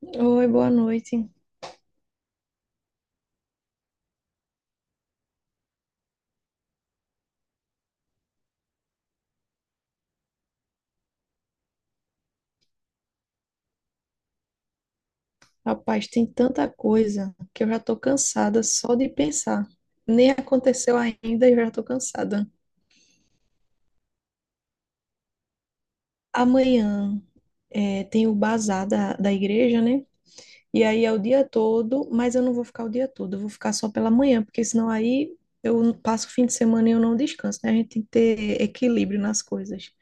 Oi, boa noite. Rapaz, tem tanta coisa que eu já tô cansada só de pensar. Nem aconteceu ainda e eu já tô cansada. Amanhã tem o bazar da igreja, né? E aí é o dia todo, mas eu não vou ficar o dia todo, eu vou ficar só pela manhã, porque senão aí eu passo o fim de semana e eu não descanso, né? A gente tem que ter equilíbrio nas coisas.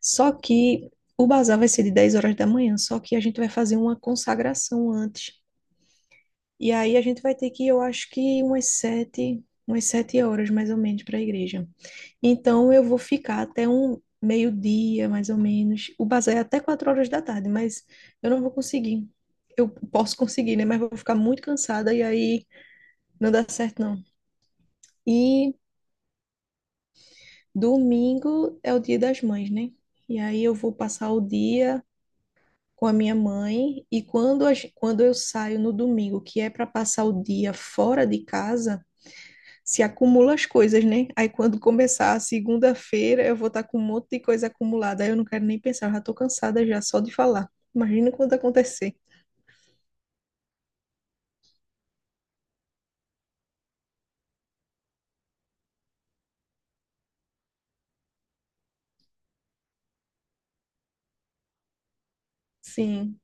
Só que o bazar vai ser de 10 horas da manhã, só que a gente vai fazer uma consagração antes. E aí a gente vai ter que ir, eu acho que umas 7 horas mais ou menos para a igreja. Então eu vou ficar até um meio-dia, mais ou menos. O bazar é até 4 horas da tarde, mas eu não vou conseguir. Eu posso conseguir, né? Mas vou ficar muito cansada e aí não dá certo, não. E domingo é o dia das mães, né? E aí eu vou passar o dia com a minha mãe e quando, quando eu saio no domingo, que é para passar o dia fora de casa, se acumula as coisas, né? Aí quando começar a segunda-feira, eu vou estar com um monte de coisa acumulada. Aí eu não quero nem pensar, eu já tô cansada já só de falar. Imagina quando acontecer. Sim,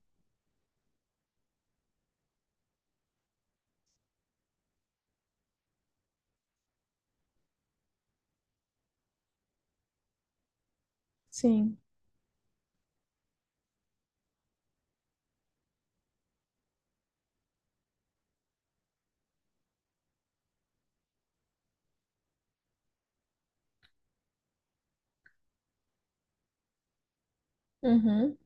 sim. Uhum.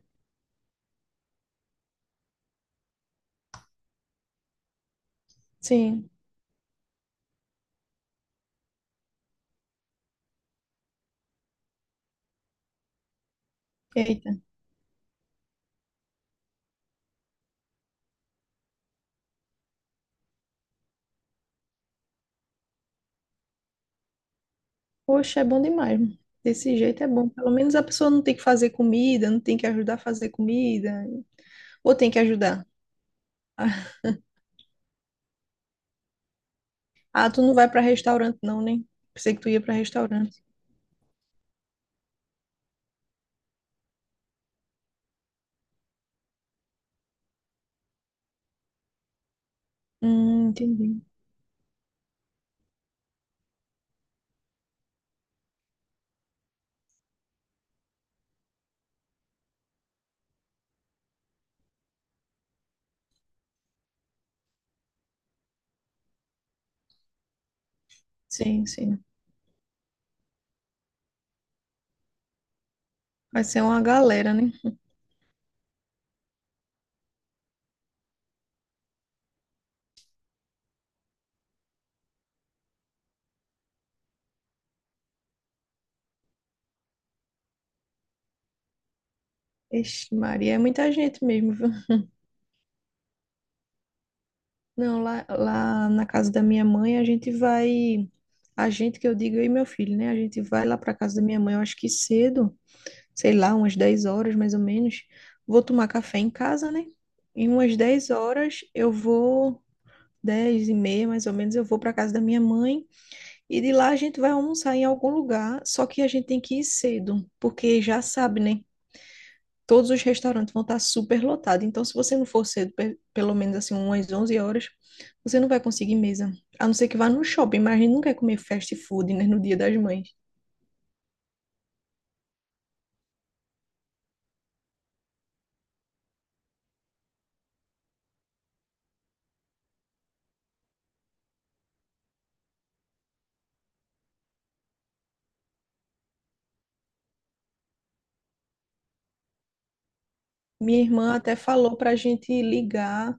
Sim. Eita. Poxa, é bom demais. Desse jeito é bom. Pelo menos a pessoa não tem que fazer comida, não tem que ajudar a fazer comida. Ou tem que ajudar. Ah, tu não vai para restaurante não, né? Pensei que tu ia para restaurante. Entendi. Sim, sim. Vai ser uma galera, né? Ixi, Maria, é muita gente mesmo, viu? Não, lá na casa da minha mãe, a gente vai. A gente que eu digo, eu e meu filho, né? A gente vai lá para casa da minha mãe, eu acho que cedo, sei lá, umas 10 horas mais ou menos. Vou tomar café em casa, né? Em umas 10 horas eu vou, 10h30 mais ou menos, eu vou para casa da minha mãe. E de lá a gente vai almoçar em algum lugar, só que a gente tem que ir cedo, porque já sabe, né? Todos os restaurantes vão estar super lotados. Então, se você não for cedo, pelo menos assim, umas 11 horas, você não vai conseguir mesa. A não ser que vá no shopping, mas a gente não quer comer fast food, né, no Dia das Mães. Minha irmã até falou para gente ligar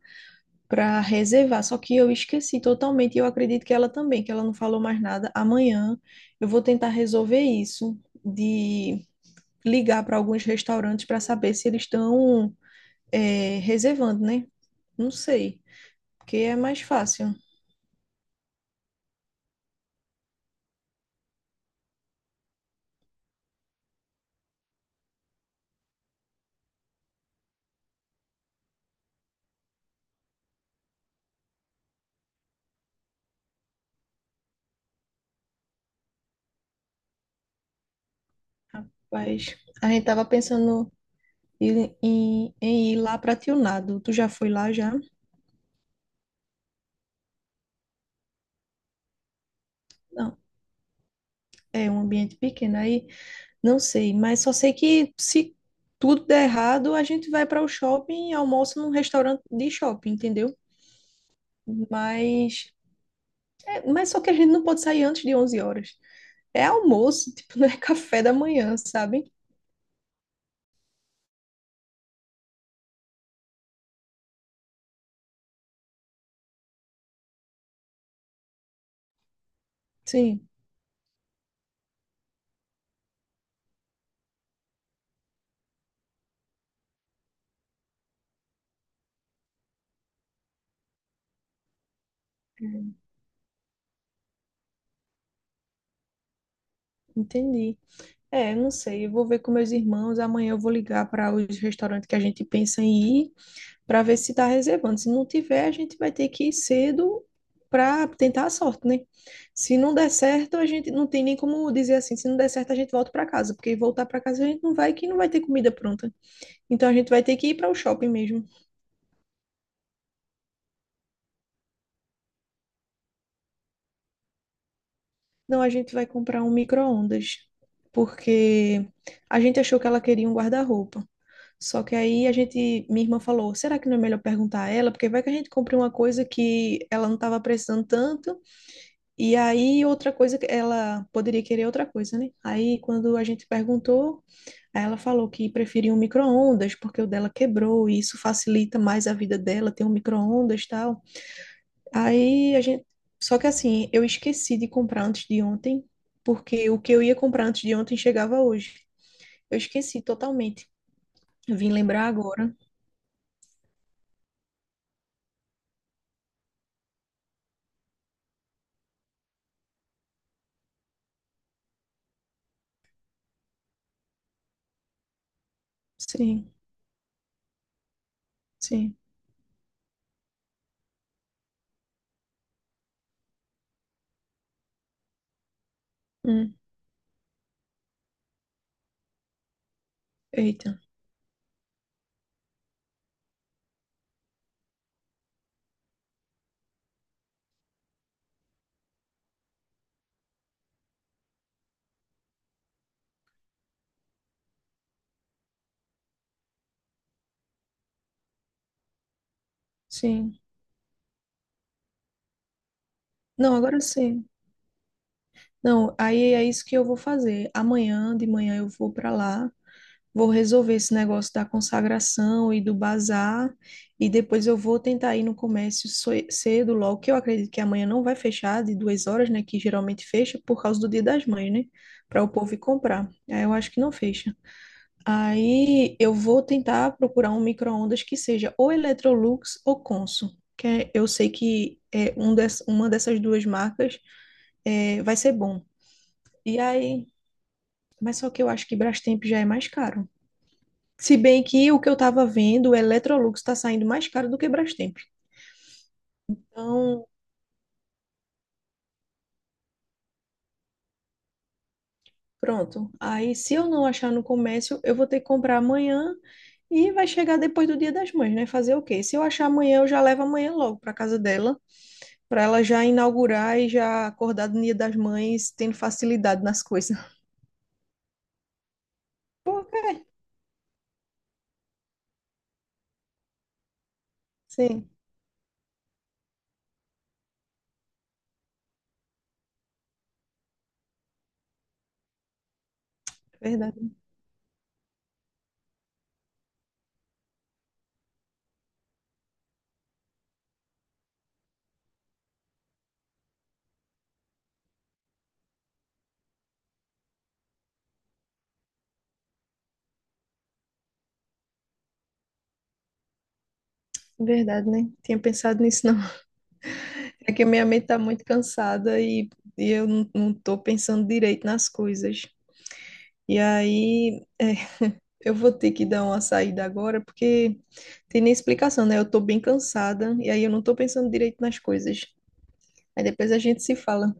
para reservar, só que eu esqueci totalmente e eu acredito que ela também, que ela não falou mais nada. Amanhã eu vou tentar resolver isso de ligar para alguns restaurantes para saber se eles estão reservando, né? Não sei, porque é mais fácil. Rapaz, a gente tava pensando em ir lá para Tionado. Tu já foi lá já? Não, é um ambiente pequeno aí, não sei, mas só sei que se tudo der errado, a gente vai para o shopping e almoça num restaurante de shopping, entendeu? Mas, mas só que a gente não pode sair antes de 11 horas. É almoço, tipo, não é café da manhã, sabe? Sim, entendi. É, não sei, eu vou ver com meus irmãos. Amanhã eu vou ligar para os restaurantes que a gente pensa em ir, para ver se está reservando. Se não tiver, a gente vai ter que ir cedo para tentar a sorte, né? Se não der certo, a gente não tem nem como dizer assim. Se não der certo, a gente volta para casa, porque voltar para casa a gente não vai, que não vai ter comida pronta. Então a gente vai ter que ir para o shopping mesmo. Não, a gente vai comprar um micro-ondas, porque a gente achou que ela queria um guarda-roupa. Só que aí minha irmã falou, será que não é melhor perguntar a ela? Porque vai que a gente compre uma coisa que ela não estava precisando tanto, e aí outra coisa que ela poderia querer outra coisa, né? Aí quando a gente perguntou, aí ela falou que preferia um micro-ondas, porque o dela quebrou, e isso facilita mais a vida dela, ter um micro-ondas e tal. Aí a gente. Só que assim, eu esqueci de comprar antes de ontem, porque o que eu ia comprar antes de ontem chegava hoje. Eu esqueci totalmente. Vim lembrar agora. Sim. Sim. Hum, eita, sim. Não, agora sim. Não, aí é isso que eu vou fazer. Amanhã de manhã eu vou para lá, vou resolver esse negócio da consagração e do bazar, e depois eu vou tentar ir no comércio cedo, logo, que eu acredito que amanhã não vai fechar de 2 horas, né? Que geralmente fecha por causa do Dia das Mães, né? Para o povo ir comprar. Aí eu acho que não fecha. Aí eu vou tentar procurar um micro-ondas que seja ou Electrolux ou Consul, eu sei que é uma dessas duas marcas, vai ser bom. E aí, mas só que eu acho que Brastemp já é mais caro. Se bem que o que eu tava vendo, o Electrolux está saindo mais caro do que Brastemp. Então, pronto. Aí, se eu não achar no comércio, eu vou ter que comprar amanhã e vai chegar depois do Dia das Mães, né? Fazer o quê? Se eu achar amanhã, eu já levo amanhã logo para casa dela para ela já inaugurar e já acordar do Dia das Mães tendo facilidade nas coisas. Por quê? Sim, verdade. Verdade, né? Tinha pensado nisso, não. É que a minha mente tá muito cansada e eu não tô pensando direito nas coisas. E aí, eu vou ter que dar uma saída agora, porque tem nem explicação, né? Eu tô bem cansada e aí eu não tô pensando direito nas coisas. Aí depois a gente se fala.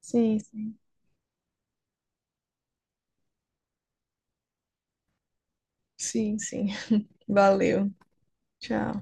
Sim, sim, sim, sim. Valeu. Tchau.